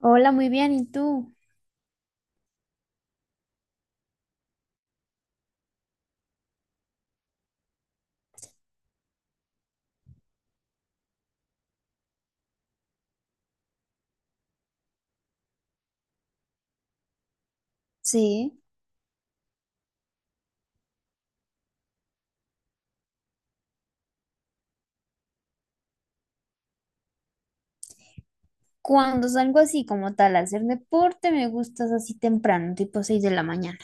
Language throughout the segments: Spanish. Hola, muy bien. ¿Y tú? Sí. Cuando salgo así como tal a hacer deporte, me gustas así temprano, tipo 6 de la mañana,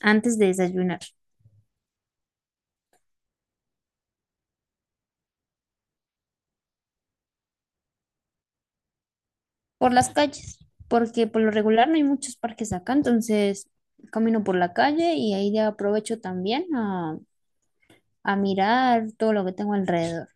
antes de desayunar, por las calles, porque por lo regular no hay muchos parques acá, entonces camino por la calle y ahí ya aprovecho también a mirar todo lo que tengo alrededor.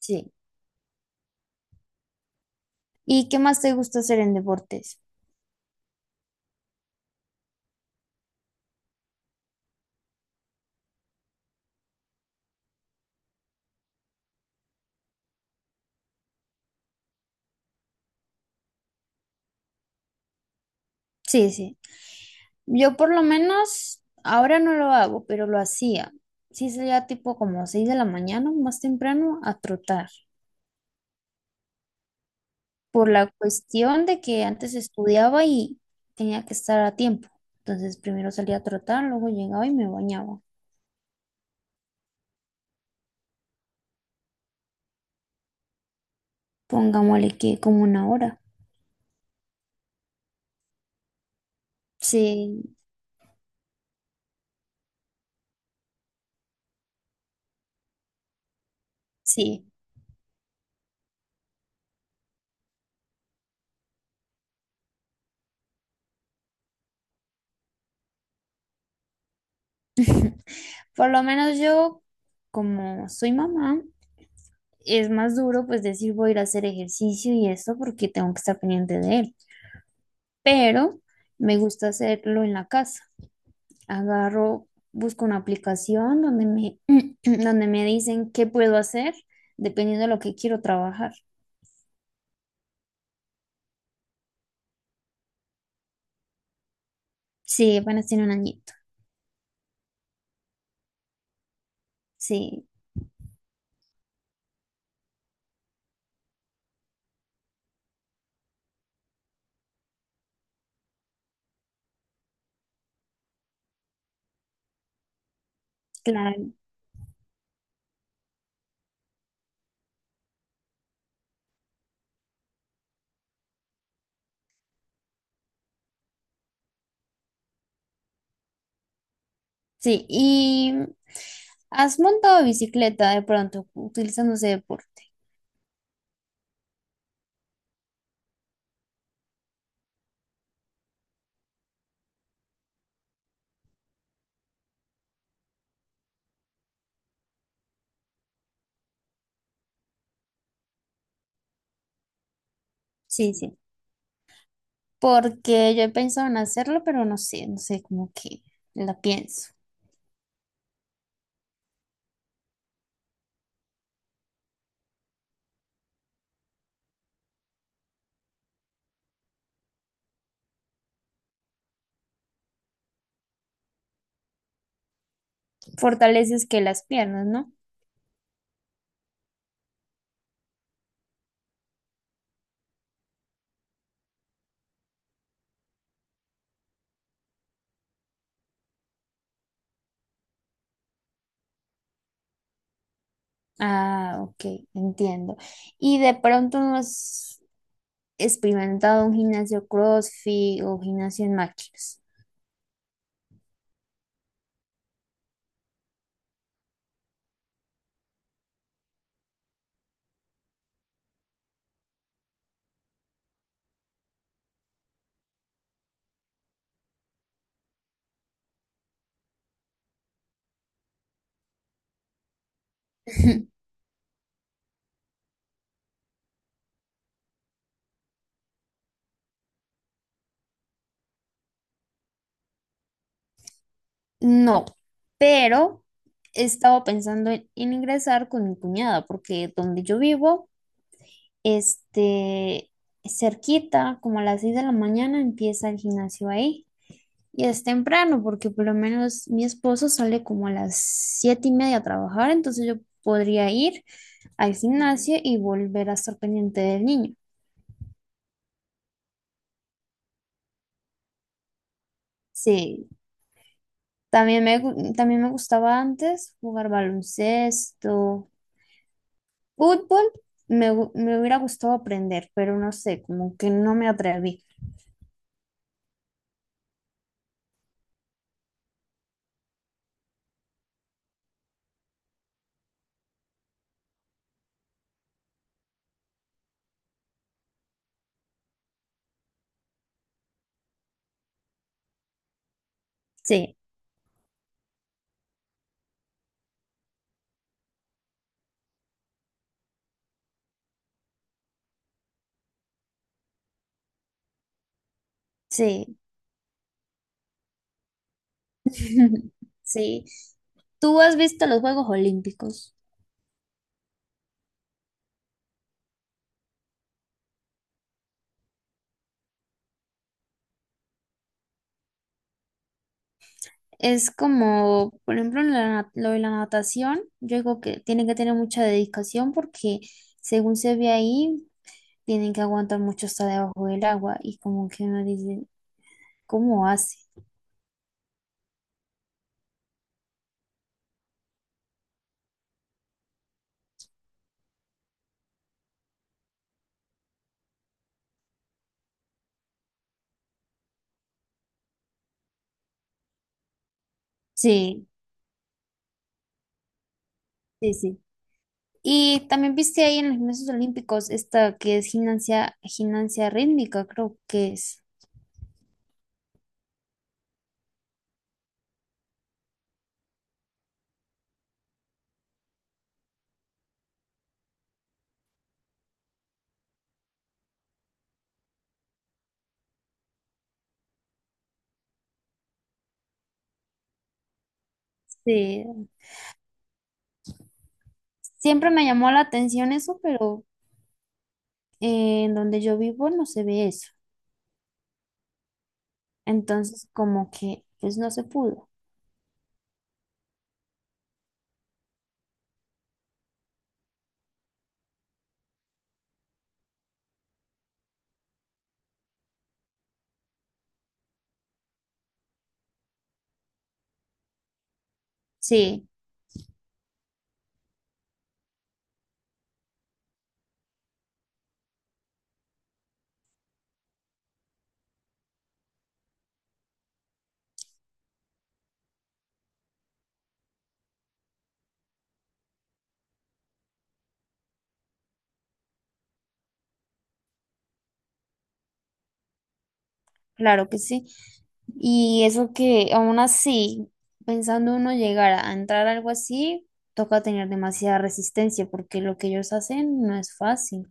Sí. ¿Y qué más te gusta hacer en deportes? Sí, sí. Yo por lo menos ahora no lo hago, pero lo hacía. Sí, salía tipo como 6 de la mañana, más temprano, a trotar. Por la cuestión de que antes estudiaba y tenía que estar a tiempo. Entonces primero salía a trotar, luego llegaba y me bañaba. Pongámosle que como una hora. Sí, sí. Por lo menos yo, como soy mamá, es más duro pues decir voy a ir a hacer ejercicio y eso porque tengo que estar pendiente de él. Pero me gusta hacerlo en la casa. Agarro, busco una aplicación donde me, donde me dicen qué puedo hacer dependiendo de lo que quiero trabajar. Sí, apenas tiene un añito. Sí, claro. Sí, y has montado bicicleta de pronto utilizando ese deporte. Sí, sí, porque yo he pensado en hacerlo, pero no sé, no sé, como que la pienso. Fortaleces que las piernas, ¿no? Ah, ok, entiendo. ¿Y de pronto no has experimentado un gimnasio CrossFit o gimnasio en máquinas? No, pero he estado pensando en, ingresar con mi cuñada, porque donde yo vivo, este, cerquita, como a las 6 de la mañana, empieza el gimnasio ahí. Y es temprano, porque por lo menos mi esposo sale como a las 7:30 a trabajar, entonces yo podría ir al gimnasio y volver a estar pendiente del niño. Sí, también también me gustaba antes jugar baloncesto, fútbol, me hubiera gustado aprender, pero no sé, como que no me atreví. Sí, sí, sí. ¿Tú has visto los Juegos Olímpicos? Es como, por ejemplo, en lo de la natación, yo digo que tienen que tener mucha dedicación porque según se ve ahí, tienen que aguantar mucho hasta debajo del agua y como que uno dice, ¿cómo hace? Sí, sí, sí. Y también viste ahí en los gimnasios olímpicos esta que es gimnasia, gimnasia rítmica, creo que es. Sí. Siempre me llamó la atención eso, pero en donde yo vivo no se ve eso. Entonces, como que, pues no se pudo. Sí. Claro que sí. Y eso que aún así, pensando uno llegar a entrar a algo así, toca tener demasiada resistencia porque lo que ellos hacen no es fácil.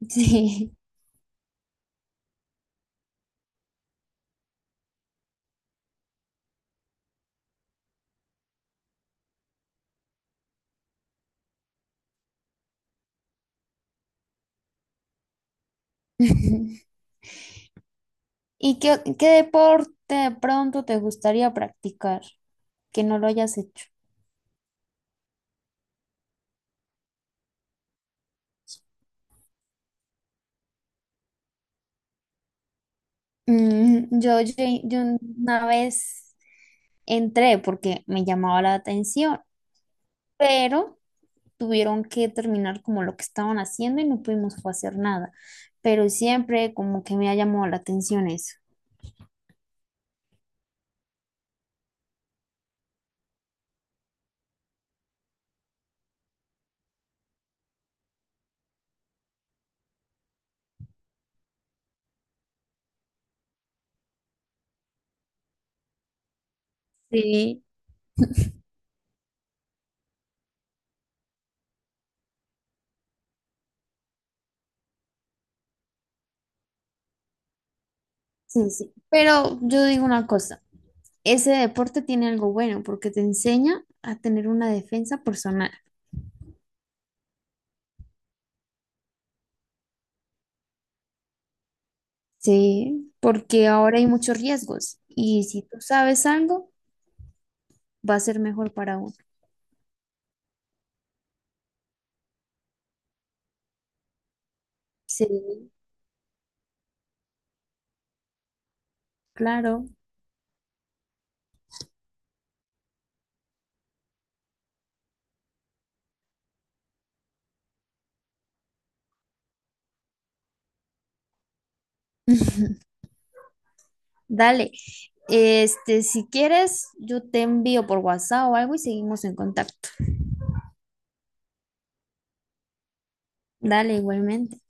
Sí. ¿Y qué, qué deporte de pronto te gustaría practicar que no lo hayas hecho? Mm, yo una vez entré porque me llamaba la atención, pero tuvieron que terminar como lo que estaban haciendo y no pudimos fue hacer nada. Pero siempre como que me ha llamado la atención eso. Sí, sí, sí. Pero yo digo una cosa, ese deporte tiene algo bueno porque te enseña a tener una defensa personal. Sí, porque ahora hay muchos riesgos y si tú sabes algo, va a ser mejor para uno. Sí, claro. Dale, si quieres, yo te envío por WhatsApp o algo y seguimos en contacto. Dale, igualmente.